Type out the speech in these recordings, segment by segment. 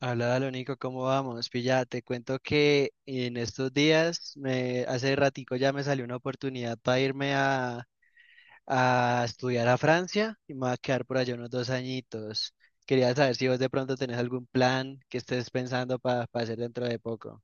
Hola, Nico, ¿cómo vamos? Pilla, te cuento que en estos días, hace ratico ya me salió una oportunidad para a estudiar a Francia y me voy a quedar por allá unos 2 añitos. Quería saber si vos de pronto tenés algún plan que estés pensando para hacer dentro de poco.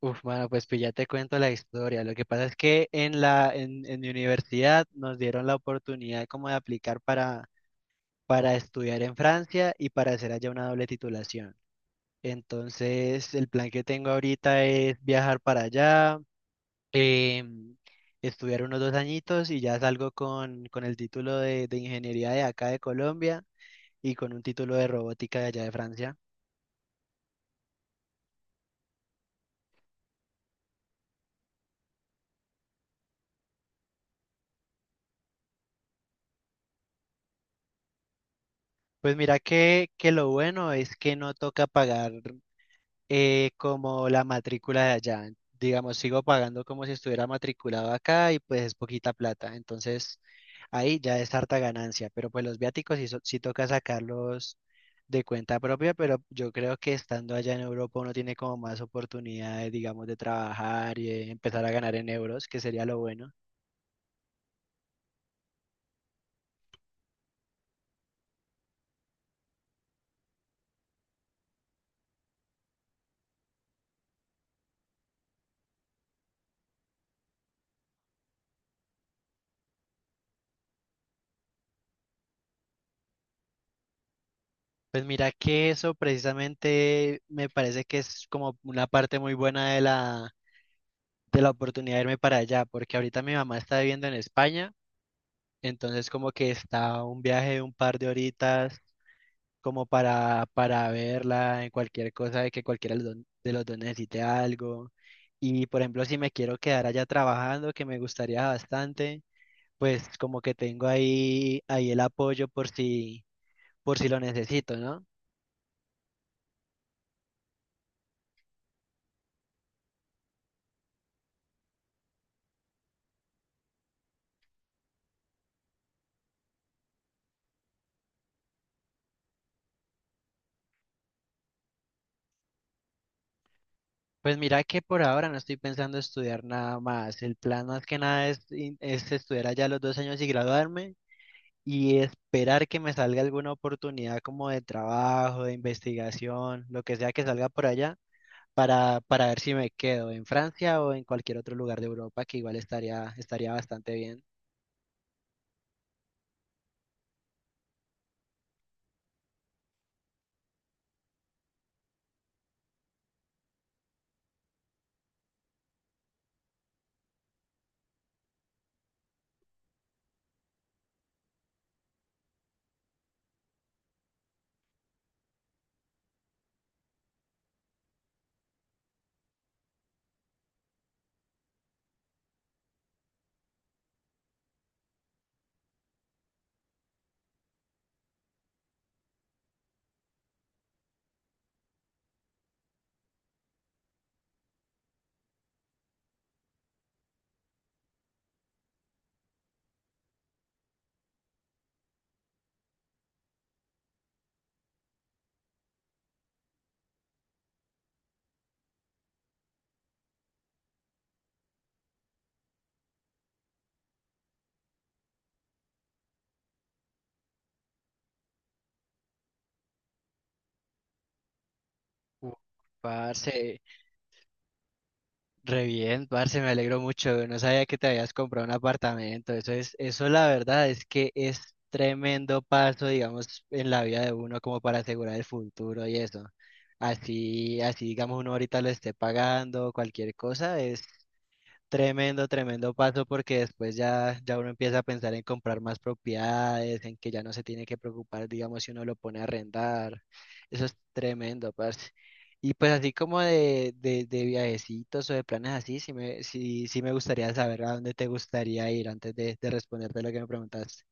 Uf, mano, pues ya te cuento la historia. Lo que pasa es que en mi universidad nos dieron la oportunidad como de para estudiar en Francia y para hacer allá una doble titulación. Entonces, el plan que tengo ahorita es viajar para allá, em, estudiar unos 2 añitos y ya salgo con el título de ingeniería de acá de Colombia y con un título de robótica de allá de Francia. Pues mira que lo bueno es que no toca pagar, como la matrícula de allá. Digamos, sigo pagando como si estuviera matriculado acá y pues es poquita plata. Entonces ahí ya es harta ganancia, pero pues los viáticos sí, sí toca sacarlos de cuenta propia, pero yo creo que estando allá en Europa uno tiene como más oportunidades, digamos, de trabajar y empezar a ganar en euros, que sería lo bueno. Pues mira que eso precisamente me parece que es como una parte muy buena de de la oportunidad de irme para allá, porque ahorita mi mamá está viviendo en España. Entonces como que está un viaje de un par de horitas como para verla en cualquier cosa de que cualquiera de los dos necesite algo. Y por ejemplo, si me quiero quedar allá trabajando, que me gustaría bastante, pues como que tengo ahí el apoyo por si lo necesito, ¿no? Pues mira que por ahora no estoy pensando estudiar nada más. El plan más que nada es estudiar allá los 2 años y graduarme y esperar que me salga alguna oportunidad como de trabajo, de investigación, lo que sea que salga por allá, para ver si me quedo en Francia o en cualquier otro lugar de Europa, que igual estaría bastante bien. Uh, Parce, re bien, parce, me alegro mucho. No sabía que te habías comprado un apartamento. Eso, la verdad, es que es tremendo paso, digamos, en la vida de uno como para asegurar el futuro y eso. Así, digamos, uno ahorita lo esté pagando, cualquier cosa, es tremendo, tremendo paso porque después ya uno empieza a pensar en comprar más propiedades, en que ya no se tiene que preocupar, digamos, si uno lo pone a arrendar. Eso es tremendo, parce. Y pues así como de viajecitos o de planes así, sí me gustaría saber a dónde te gustaría ir antes de responderte lo que me preguntaste.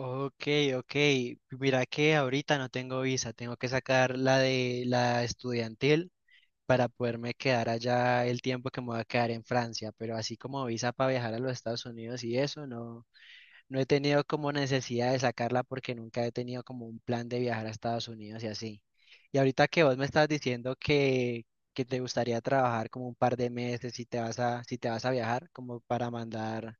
Ok, ok. Mira que ahorita no tengo visa, tengo que sacar la de la estudiantil para poderme quedar allá el tiempo que me voy a quedar en Francia, pero así como visa para viajar a los Estados Unidos y eso, no, no he tenido como necesidad de sacarla porque nunca he tenido como un plan de viajar a Estados Unidos y así. Y ahorita que vos me estás que te gustaría trabajar como un par de meses si te vas si te vas a viajar, como para mandar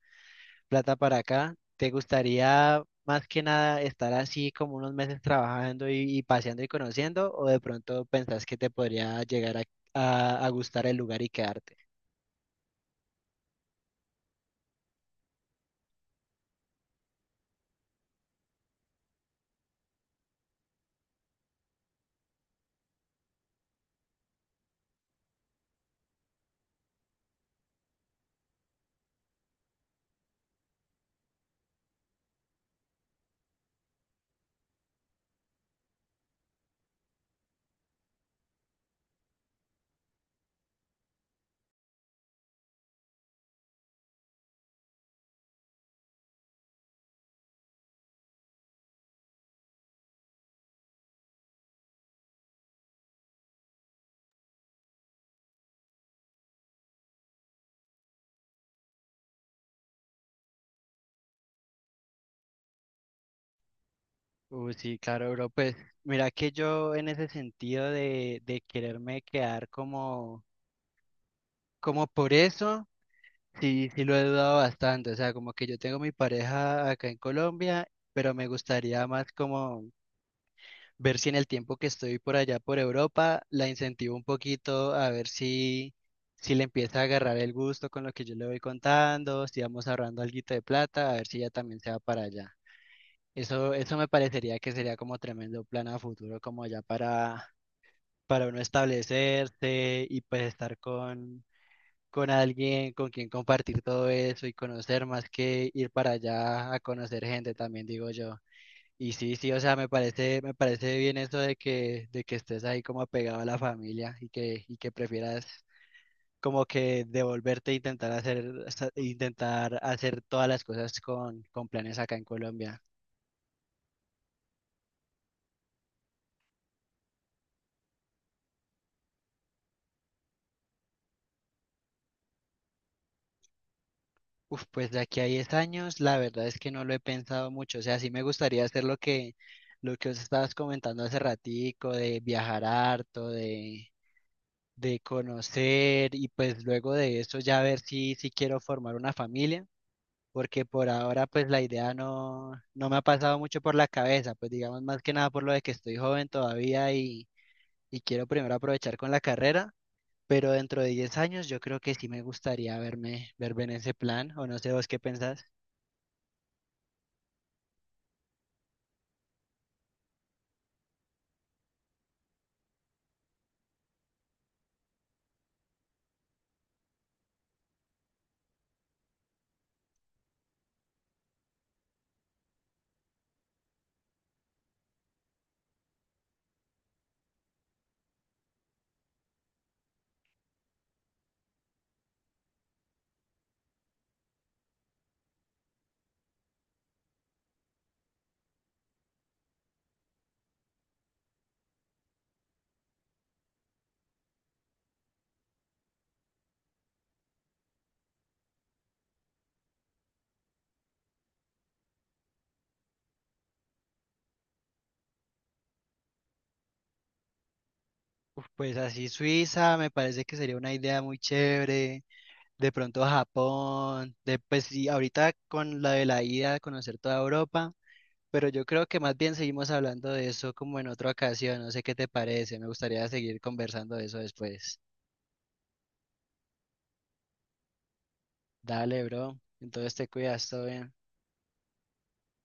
plata para acá, ¿te gustaría más que nada estar así como unos meses trabajando y paseando y conociendo? ¿O de pronto pensás que te podría llegar a gustar el lugar y quedarte? Sí, claro, bro. Pues mira que yo en ese sentido de, quererme quedar como, como por eso, sí lo he dudado bastante. O sea, como que yo tengo mi pareja acá en Colombia, pero me gustaría más como ver si en el tiempo que estoy por allá por Europa la incentivo un poquito a ver si le empieza a agarrar el gusto con lo que yo le voy contando, si vamos ahorrando alguito de plata, a ver si ella también se va para allá. Eso me parecería que sería como tremendo plan a futuro, como ya para uno establecerse y pues estar con alguien con quien compartir todo eso y conocer más que ir para allá a conocer gente también, digo yo. Y sí, sí, o sea, me parece bien eso de que estés ahí como apegado a la familia y y que prefieras como que devolverte e intentar hacer todas las cosas con planes acá en Colombia. Uf, pues de aquí a 10 años, la verdad es que no lo he pensado mucho. O sea, sí me gustaría hacer lo que os estabas comentando hace ratico, de viajar harto, de conocer, y pues luego de eso ya ver si quiero formar una familia porque por ahora pues la idea no, no me ha pasado mucho por la cabeza, pues digamos más que nada por lo de que estoy joven todavía y quiero primero aprovechar con la carrera, pero dentro de 10 años yo creo que sí me gustaría verme en ese plan, o no sé vos qué pensás. Uf, pues así Suiza me parece que sería una idea muy chévere, de pronto Japón, de pues sí, ahorita con la de la ida, conocer toda Europa. Pero yo creo que más bien seguimos hablando de eso como en otra ocasión. No sé qué te parece. Me gustaría seguir conversando de eso después. Dale, bro. Entonces te cuidas, todo bien.